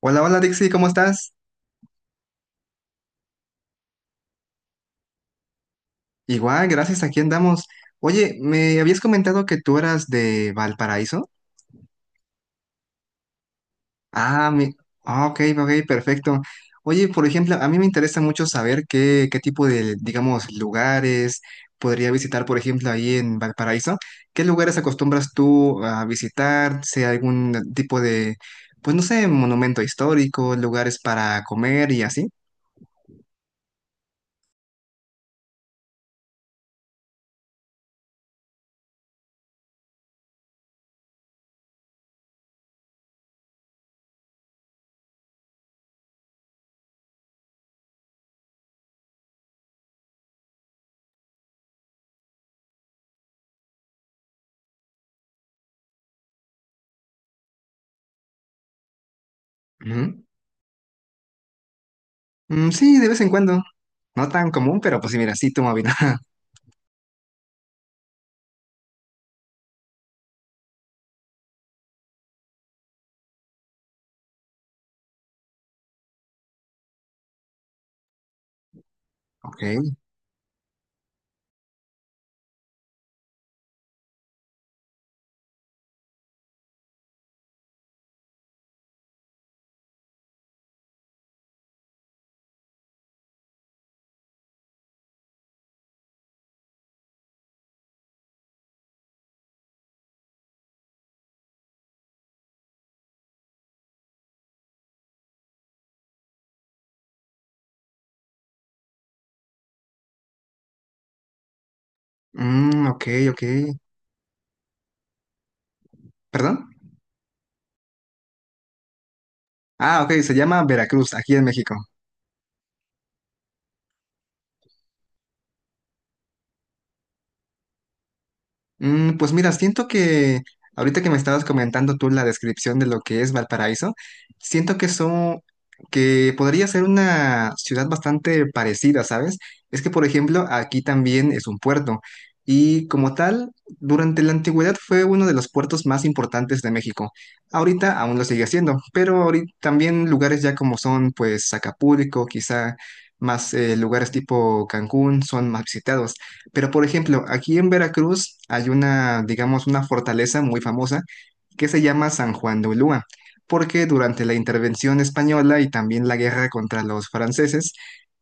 Hola, hola Dixie, ¿cómo estás? Igual, gracias, aquí andamos. Oye, me habías comentado que tú eras de Valparaíso. Ah, mi... ah, ok, ok, perfecto. Oye, por ejemplo, a mí me interesa mucho saber qué tipo de, digamos, lugares podría visitar, por ejemplo, ahí en Valparaíso. ¿Qué lugares acostumbras tú a visitar? Sea algún tipo de, pues no sé, monumento histórico, lugares para comer y así. Ujú. Mm, sí, de vez en cuando. No tan común, pero pues sí, mira, sí tomo vino. Ok. Mm, ok, ok. ¿Perdón? Ah, ok, se llama Veracruz, aquí en México. Mm, pues mira, siento que ahorita que me estabas comentando tú la descripción de lo que es Valparaíso, siento que son, que podría ser una ciudad bastante parecida, ¿sabes? Es que, por ejemplo, aquí también es un puerto y como tal, durante la antigüedad fue uno de los puertos más importantes de México. Ahorita aún lo sigue siendo, pero ahorita también lugares ya como son, pues, Acapulco, quizá más lugares tipo Cancún son más visitados. Pero, por ejemplo, aquí en Veracruz hay una, digamos, una fortaleza muy famosa que se llama San Juan de Ulúa, porque durante la intervención española y también la guerra contra los franceses,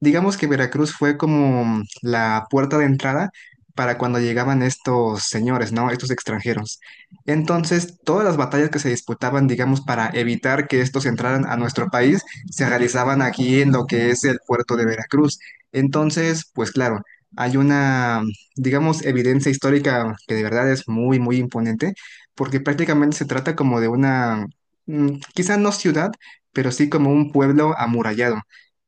digamos que Veracruz fue como la puerta de entrada para cuando llegaban estos señores, ¿no? Estos extranjeros. Entonces, todas las batallas que se disputaban, digamos, para evitar que estos entraran a nuestro país, se realizaban aquí en lo que es el puerto de Veracruz. Entonces, pues claro hay una, digamos, evidencia histórica que de verdad es muy, muy imponente, porque prácticamente se trata como de una, mm, quizá no ciudad, pero sí como un pueblo amurallado.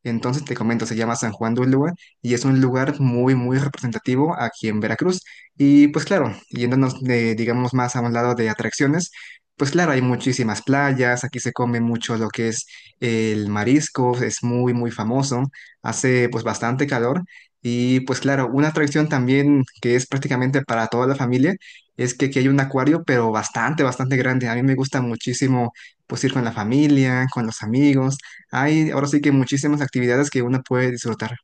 Entonces te comento, se llama San Juan de Ulúa y es un lugar muy, muy representativo aquí en Veracruz. Y pues claro, yéndonos de, digamos, más a un lado de atracciones, pues claro, hay muchísimas playas, aquí se come mucho lo que es el marisco, es muy, muy famoso, hace pues bastante calor. Y pues claro, una atracción también que es prácticamente para toda la familia es que aquí hay un acuario, pero bastante, bastante grande. A mí me gusta muchísimo pues ir con la familia, con los amigos. Hay ahora sí que muchísimas actividades que uno puede disfrutar.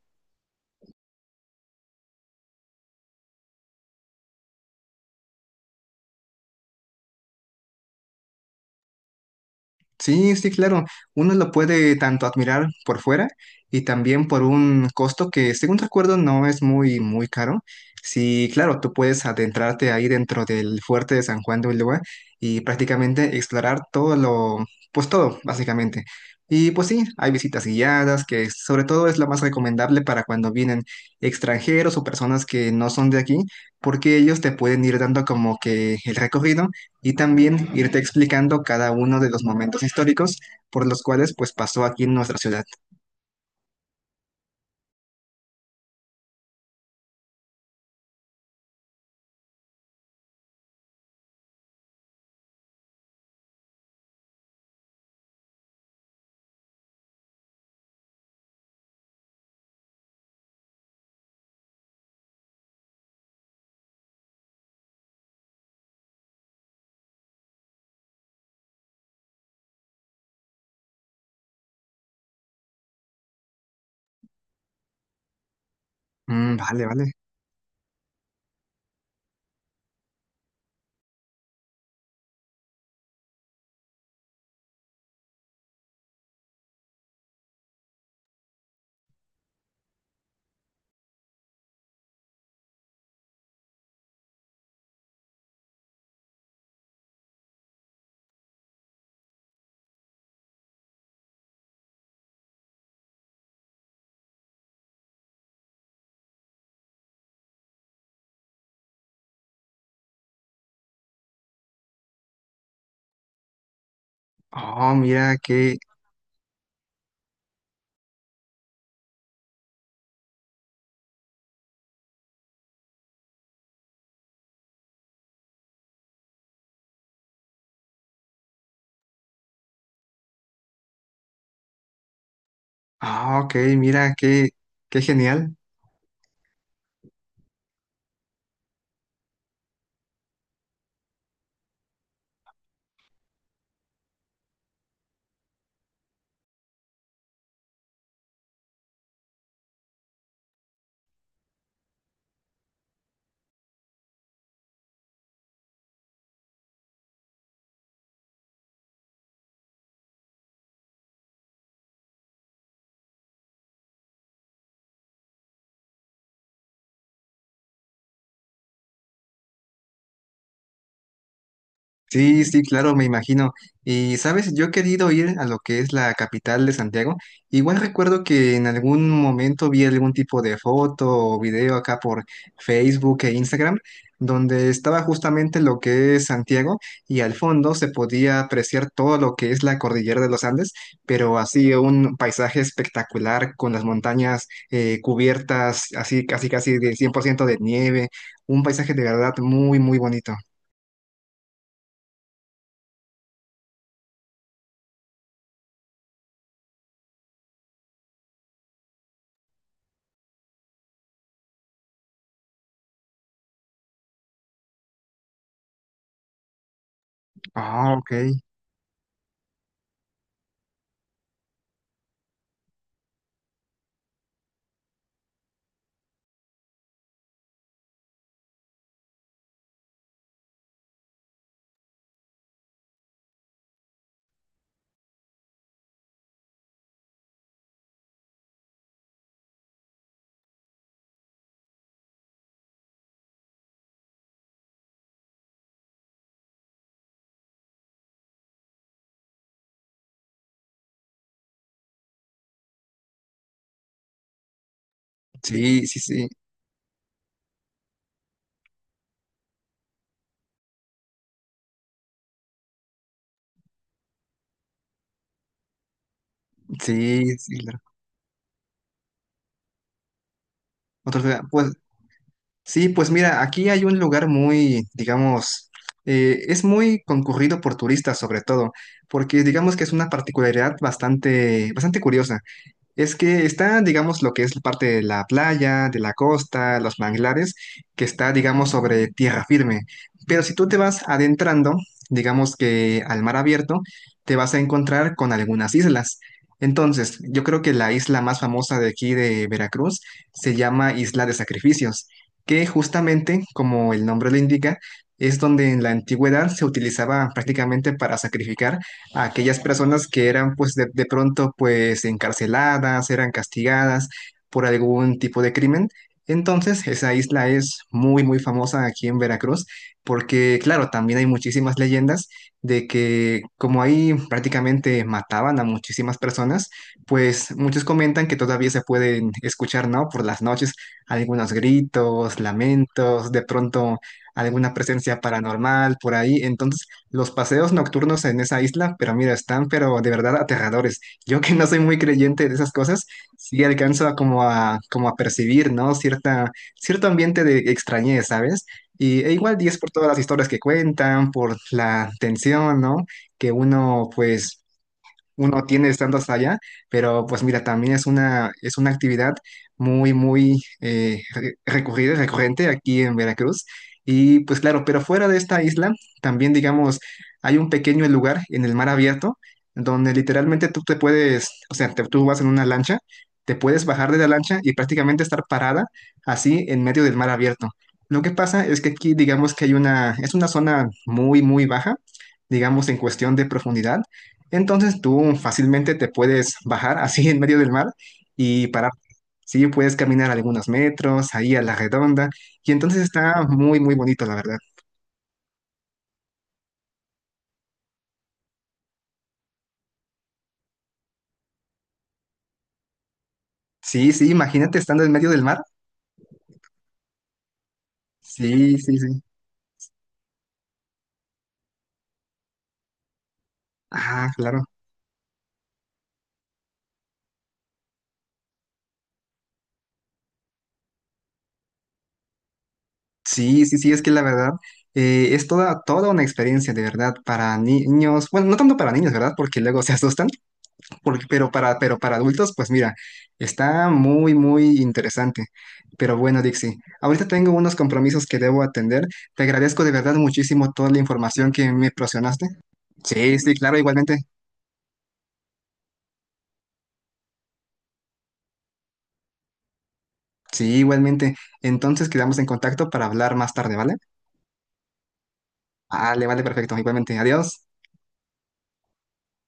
Sí, sí, claro. Uno lo puede tanto admirar por fuera y también por un costo que, según recuerdo, no es muy, muy caro. Sí, claro, tú puedes adentrarte ahí dentro del fuerte de San Juan de Ulúa y prácticamente explorar todo lo, pues todo, básicamente. Y pues sí, hay visitas guiadas, que sobre todo es lo más recomendable para cuando vienen extranjeros o personas que no son de aquí, porque ellos te pueden ir dando como que el recorrido y también irte explicando cada uno de los momentos históricos por los cuales pues pasó aquí en nuestra ciudad. Mm, vale, vale. Oh, mira qué, ah, ok, mira qué, qué genial. Sí, sí, claro, me imagino. Y sabes, yo he querido ir a lo que es la capital de Santiago. Igual recuerdo que en algún momento vi algún tipo de foto o video acá por Facebook e Instagram, donde estaba justamente lo que es Santiago y al fondo se podía apreciar todo lo que es la cordillera de los Andes, pero así un paisaje espectacular con las montañas cubiertas, así casi casi de 100% de nieve, un paisaje de verdad muy, muy bonito. Ah, ok. Sí, sí, sí, sí, sí, claro. Otra ciudad, pues sí, pues mira, aquí hay un lugar muy, digamos, es muy concurrido por turistas sobre todo, porque digamos que es una particularidad bastante, bastante curiosa. Es que está, digamos, lo que es parte de la playa, de la costa, los manglares, que está, digamos, sobre tierra firme. Pero si tú te vas adentrando, digamos que al mar abierto, te vas a encontrar con algunas islas. Entonces, yo creo que la isla más famosa de aquí de Veracruz se llama Isla de Sacrificios, que justamente, como el nombre lo indica, es donde en la antigüedad se utilizaba prácticamente para sacrificar a aquellas personas que eran pues de pronto pues encarceladas, eran castigadas por algún tipo de crimen. Entonces, esa isla es muy, muy famosa aquí en Veracruz porque, claro, también hay muchísimas leyendas de que como ahí prácticamente mataban a muchísimas personas, pues muchos comentan que todavía se pueden escuchar, ¿no? Por las noches algunos gritos, lamentos, de pronto alguna presencia paranormal por ahí. Entonces, los paseos nocturnos en esa isla, pero mira, están pero de verdad aterradores. Yo que no soy muy creyente de esas cosas, sí alcanzo a como a percibir, ¿no? Cierta cierto ambiente de extrañez, ¿sabes? Y e igual 10 por todas las historias que cuentan, por la tensión, ¿no? Que uno pues uno tiene estando hasta allá, pero pues mira, también es una actividad muy, muy recurrida, recurrente aquí en Veracruz. Y pues claro, pero fuera de esta isla, también digamos, hay un pequeño lugar en el mar abierto donde literalmente tú te puedes, o sea, tú vas en una lancha, te puedes bajar de la lancha y prácticamente estar parada así en medio del mar abierto. Lo que pasa es que aquí digamos que hay una, es una zona muy, muy baja, digamos en cuestión de profundidad. Entonces tú fácilmente te puedes bajar así en medio del mar y parar. Sí, puedes caminar algunos metros ahí a la redonda y entonces está muy, muy bonito, la verdad. Sí, sí, imagínate estando en medio del mar. Sí, sí, sí. Ah, claro. Sí, sí, sí, es que la verdad es toda, toda una experiencia de verdad para niños. Bueno, no tanto para niños, ¿verdad? Porque luego se asustan, porque, pero para adultos, pues mira, está muy, muy interesante. Pero bueno, Dixie, ahorita tengo unos compromisos que debo atender. Te agradezco de verdad muchísimo toda la información que me proporcionaste. Sí, sí, claro, igualmente. Sí, igualmente. Entonces quedamos en contacto para hablar más tarde, ¿vale? Vale, vale, perfecto. Igualmente, adiós.